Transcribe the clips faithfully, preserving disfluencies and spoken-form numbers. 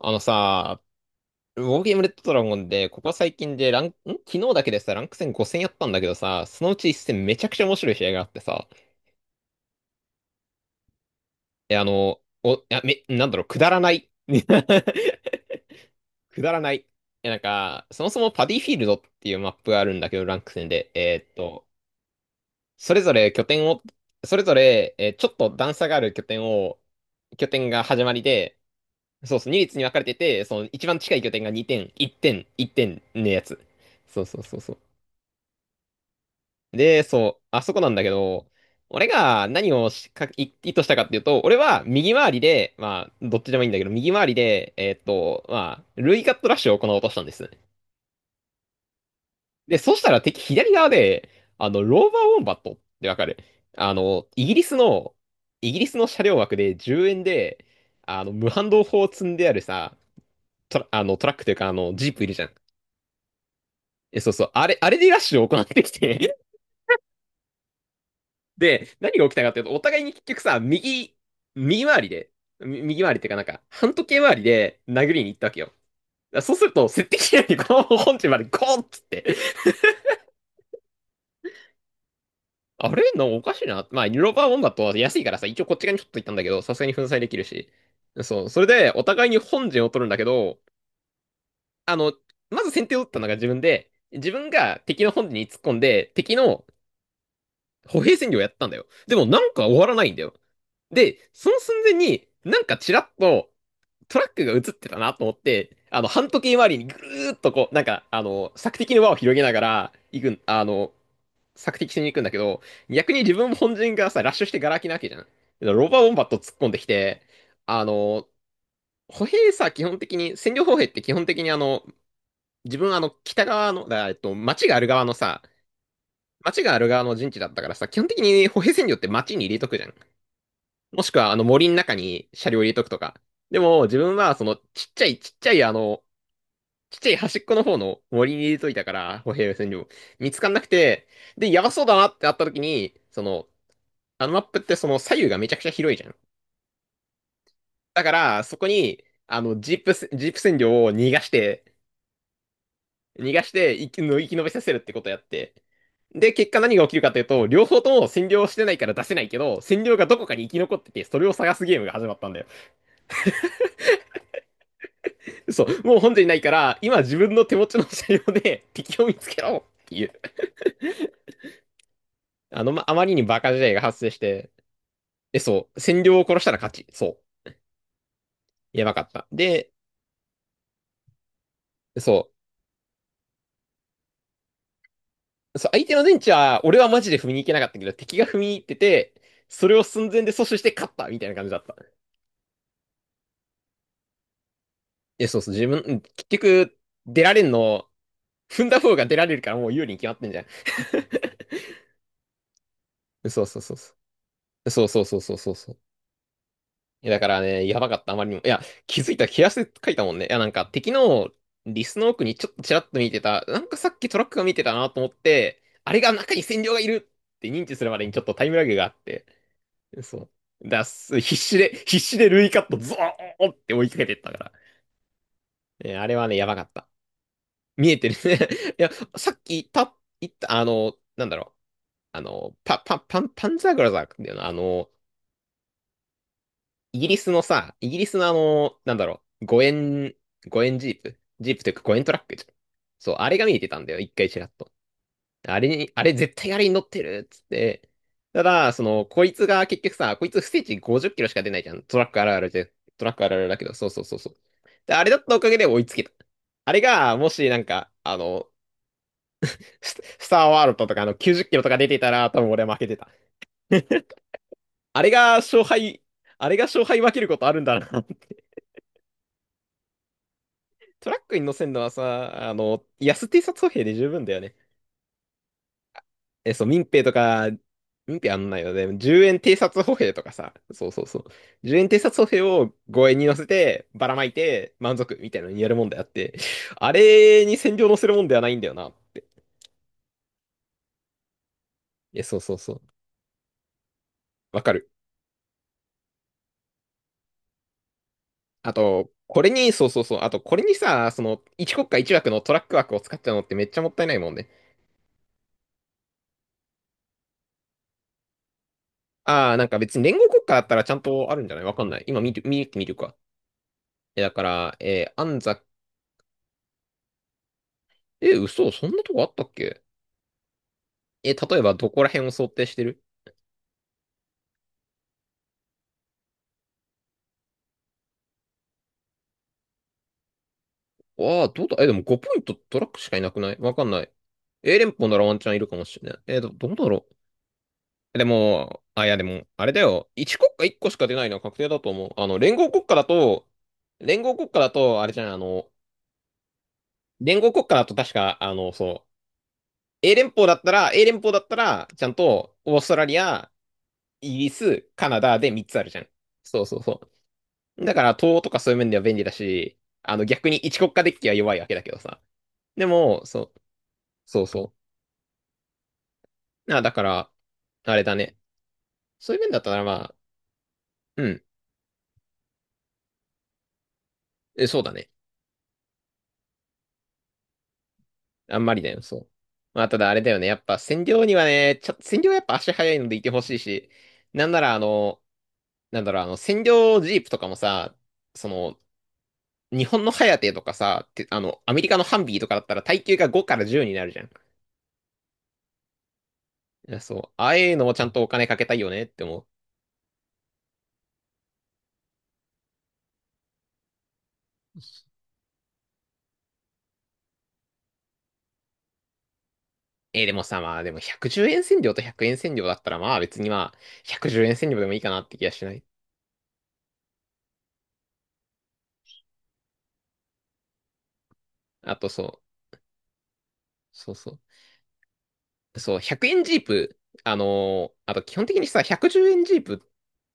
あのさ、ウォーゲームレッドドラゴンで、ここ最近でラン、ん昨日だけでさ、ランク戦ご戦やったんだけどさ、そのうちいっ戦めちゃくちゃ面白い試合があってさ、え、あの、お、いや、め、なんだろう、くだらない。くだらない。え、なんか、そもそもパディフィールドっていうマップがあるんだけど、ランク戦で、えーっと、それぞれ拠点を、それぞれ、えーちょっと段差がある拠点を、拠点が始まりで、そうそう、に列に分かれてて、その一番近い拠点がにてん、いってん、いってんのやつ。そうそうそうそう。で、そう、あそこなんだけど、俺が何をしかい意図したかっていうと、俺は右回りで、まあ、どっちでもいいんだけど、右回りで、えーっと、まあ、ルイカットラッシュを行おうとしたんですね。で、そしたら敵左側で、あの、ローバーウォンバットってわかる？あの、イギリスの、イギリスの車両枠でじゅうえんで、あの、無反動砲を積んであるさ、トラ、あの、トラックというか、あの、ジープいるじゃん。え、そうそう、あれ、あれでラッシュを行ってきて、で、何が起きたかっていうと、お互いに結局さ、右、右回りで、み右回りっていうかなんか、反時計回りで殴りに行ったわけよ。だからそうすると、設定機能にこの本陣までゴーンっつって、あれのおかしいな。まあ、ニューロバーボンだと安いからさ、一応こっち側にちょっと行ったんだけど、さすがに粉砕できるし。そう、それで、お互いに本陣を取るんだけど、あの、まず先手を打ったのが自分で、自分が敵の本陣に突っ込んで、敵の歩兵戦略をやったんだよ。でもなんか終わらないんだよ。で、その寸前に、なんかちらっと、トラックが映ってたなと思って、あの、半時計回りにぐるーっとこう、なんか、あの、索敵の輪を広げながら、行くん、あの、索敵しに行くんだけど、逆に自分本陣がさ、ラッシュしてガラ空きなわけじゃん。ロバーボンバット突っ込んできて、あの、歩兵さ、基本的に、占領歩兵って基本的にあの、自分あの、北側の、だからえっと、町がある側のさ、町がある側の陣地だったからさ、基本的に歩兵占領って町に入れとくじゃん。もしくはあの森の中に車両入れとくとか。でも、自分はその、ちっちゃいちっちゃいあの、ちっちゃい端っこの方の森に入れといたから、歩兵戦場。見つかんなくて、で、やばそうだなってなった時に、その、あのマップってその左右がめちゃくちゃ広いじゃん。だから、そこに、あの、ジープせ、ジープ占領を逃がして、逃がして、生き、の生き延びさせるってことやって。で、結果何が起きるかというと、両方とも占領してないから出せないけど、占領がどこかに生き残ってて、それを探すゲームが始まったんだよ。そう、もう本陣ないから、今自分の手持ちの車両で敵を見つけろっていう。あの、ま、あまりにバカ時代が発生して、え、そう。占領を殺したら勝ち。そう。やばかった。で、そう。そう、相手の電池は、俺はマジで踏みに行けなかったけど、敵が踏みに行ってて、それを寸前で阻止して勝ったみたいな感じだった。え、そうそう。自分、うん結局、出られんの、踏んだ方が出られるからもう有利に決まってんじゃん。そうそうそうそう。そうそうそうそうそう。いやだからね、やばかった、あまりにも。いや、気づいたら、毛足で書いたもんね。いや、なんか敵のリスの奥にちょっとちらっと見てた、なんかさっきトラックが見てたなと思って、あれが中に占領がいるって認知するまでにちょっとタイムラグがあって、そう。だ、す必死で、必死でルイカットゾーンって追いかけてったから。ねあれはね、やばかった。見えてるね。いや、さっき言った、言った、あの、なんだろう。あの、パ、パ、パン、パンザーグラザーだよな。あの、イギリスのさ、イギリスのあの、なんだろう、ごえん、ごえんジープジープというかごえんトラックじゃん。そう、あれが見えてたんだよ、一回ちらっと。あれに、あれ絶対あれに乗ってるっつって。ただ、その、こいつが結局さ、こいつ不正値ごじゅっキロしか出ないじゃん。トラックあるあるで、トラックあるあるだけど、そうそうそうそう。で、あれだったおかげで追いつけた。あれが、もしなんか、あの、ス、スターワールドとかあのきゅうじゅっキロとか出てたら、多分俺は負けてた。あれが勝敗、あれが勝敗分けることあるんだなって。トラックに乗せるのはさ、あの、安偵察歩兵で十分だよね。え、そう、民兵とか、民兵あんないよね。じゅうえん偵察歩兵とかさ、そうそうそう。じゅうえん偵察歩兵をごえんに乗せて、ばらまいて、満足みたいなのにやるもんであって、あれに戦場乗せるもんではないんだよなって。え、そうそうそう。わかる。あと、これに、そうそうそう。あと、これにさ、その、一国家一枠のトラック枠を使っちゃうのってめっちゃもったいないもんね。ああ、なんか別に連合国家だったらちゃんとあるんじゃない？わかんない。今見て、見てみるか。え、だから、えー安座、え、嘘、そんなとこあったっけ？え、例えばどこら辺を想定してる？ああー、どうだ、え、でもごポイントトラックしかいなくない？わかんない。A 連邦ならワンチャンいるかもしれない。えー、ど、どうだろう。でも、あ、いやでも、あれだよ。いっ国家いっこしか出ないのは確定だと思う。あの、連合国家だと、連合国家だと、あれじゃん、あの、連合国家だと確か、あの、そう、A 連邦だったら、A 連邦だったら、ちゃんと、オーストラリア、イギリス、カナダでみっつあるじゃん。そうそうそう。だから、東とかそういう面では便利だし、あの、逆に一国家デッキは弱いわけだけどさ。でも、そう、そうそう。あ、だから、あれだね。そういう面だったら、まあ、うん。え、そうだね。あんまりだよ、そう。まあ、ただあれだよね。やっぱ、占領にはね、ちょ、占領はやっぱ足早いのでいてほしいし、なんなら、あの、なんだろう、あの、占領ジープとかもさ、その、日本のハヤテとかさ、てあの、アメリカのハンビーとかだったら、耐久がごからじゅうになるじゃん。いや、そう。ああいうのもちゃんとお金かけたいよねって思う。えーでもさ、まあでもひゃくじゅうえん線量とひゃくえん線量だったらまあ別にまあひゃくじゅうえん線量でもいいかなって気がしない。あとそう、そうそう。そう、ひゃくえんジープ、あのーあと基本的にさ、ひゃくじゅうえんジープっ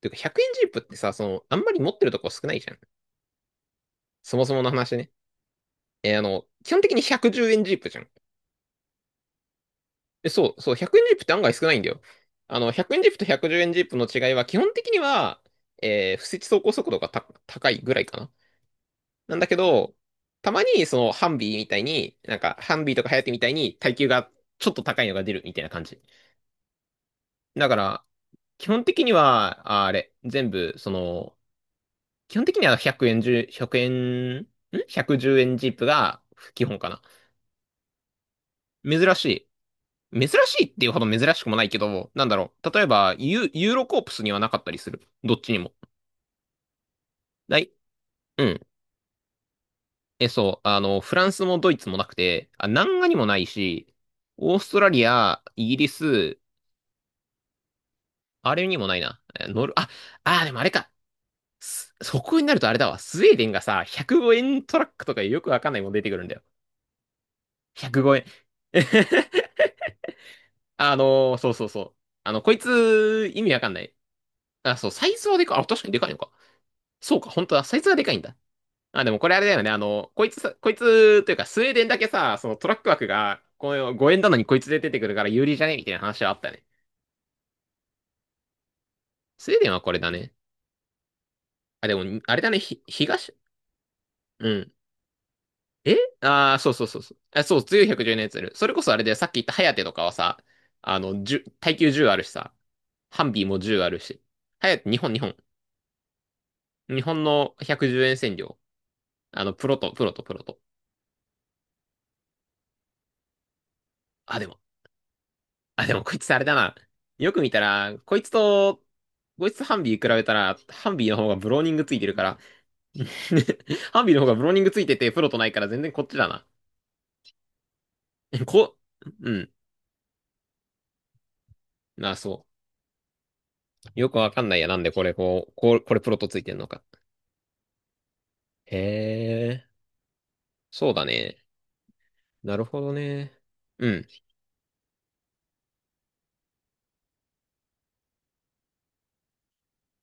ていうかひゃくえんジープってさ、その、あんまり持ってるとこ少ないじゃん。そもそもの話ね。えーあの、基本的にひゃくじゅうえんジープじゃん。え、そう、そう、ひゃくえんジープって案外少ないんだよ。あの、ひゃくえんジープとひゃくじゅうえんジープの違いは基本的には、えー不設走行速度がた高いぐらいかな。なんだけど、たまにそのハンビーみたいに、なんかハンビーとかハヤテみたいに耐久がちょっと高いのが出るみたいな感じ。だから、基本的には、ああれ、全部、その、基本的にはひゃくえんじゅう、ひゃくえん、ん ?ひゃくじゅう 円ジープが基本かな。珍しい。珍しいっていうほど珍しくもないけど、なんだろう。例えば、ユ、ユーロコープスにはなかったりする。どっちにも。ない。うん。え、そう。あの、フランスもドイツもなくて、あ、南画にもないし、オーストラリア、イギリス、あれにもないな。えーノル、あ、あー、でもあれか。すそこになるとあれだわ。スウェーデンがさ、ひゃくごえんトラックとかよくわかんないもん出てくるんだよ。ひゃくごえん。あのーそうそうそう。あの、こいつ、意味わかんない。あ、そう、サイズはでかい。あ、確かにでかいのか。そうか、本当だ。サイズはでかいんだ。あ、でもこれあれだよね。あの、こいつさ、こいつ、というか、スウェーデンだけさ、そのトラック枠が、このごえんなのにこいつで出てくるから有利じゃねみたいな話はあったね。スウェーデンはこれだね。あ、でも、あれだね。ひ、東うん。えああー、そうそうそうそう。あ、そう、強いひゃくじゅうのやついる。それこそあれで、さっき言ったハヤテとかはさ、あの、いち耐久じゅうあるしさ、ハンビーもじゅうあるし。ハヤテ、日本、日本。日本のひゃくじゅうえん占領。あの、プロと、プロと、プロと。あ、でも、あ、でも、こいつあれだな。よく見たら、こいつと、こいつとハンビー比べたら、ハンビーの方がブローニングついてるから、ハンビーの方がブローニングついてて、プロとないから全然こっちだな。こ、うん。なあ、そう。よくわかんないや。なんでこれ、こう、こう、これプロとついてんのか。へえ、そうだね。なるほどね。うん。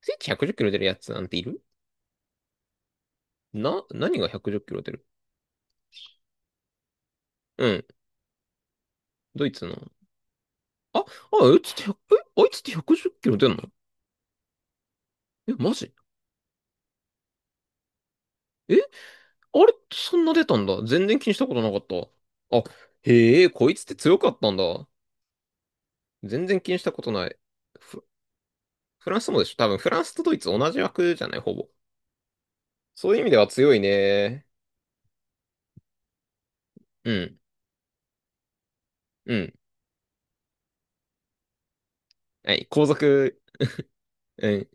スイッチひゃくじゅっキロ出るやつなんているな？何がひゃくじゅっキロ出る？うん。ドイツの。あ、あ、あいつって1え、あいつってひゃくじゅっキロ出んのえ、マジえ、あれってそんな出たんだ。全然気にしたことなかった。あ、へえ、こいつって強かったんだ。全然気にしたことない。フ、フランスもでしょ多分フランスとドイツ同じ枠じゃない、ほぼ。そういう意味では強いね。うん、うん。はい、後続、うん。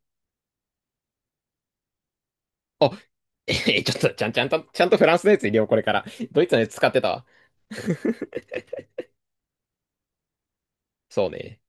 あ、えー、ちょっと、ちゃんちゃんと、ちゃんとフランスのやつ入れよう、これから。ドイツのやつ使ってたわ。そうね。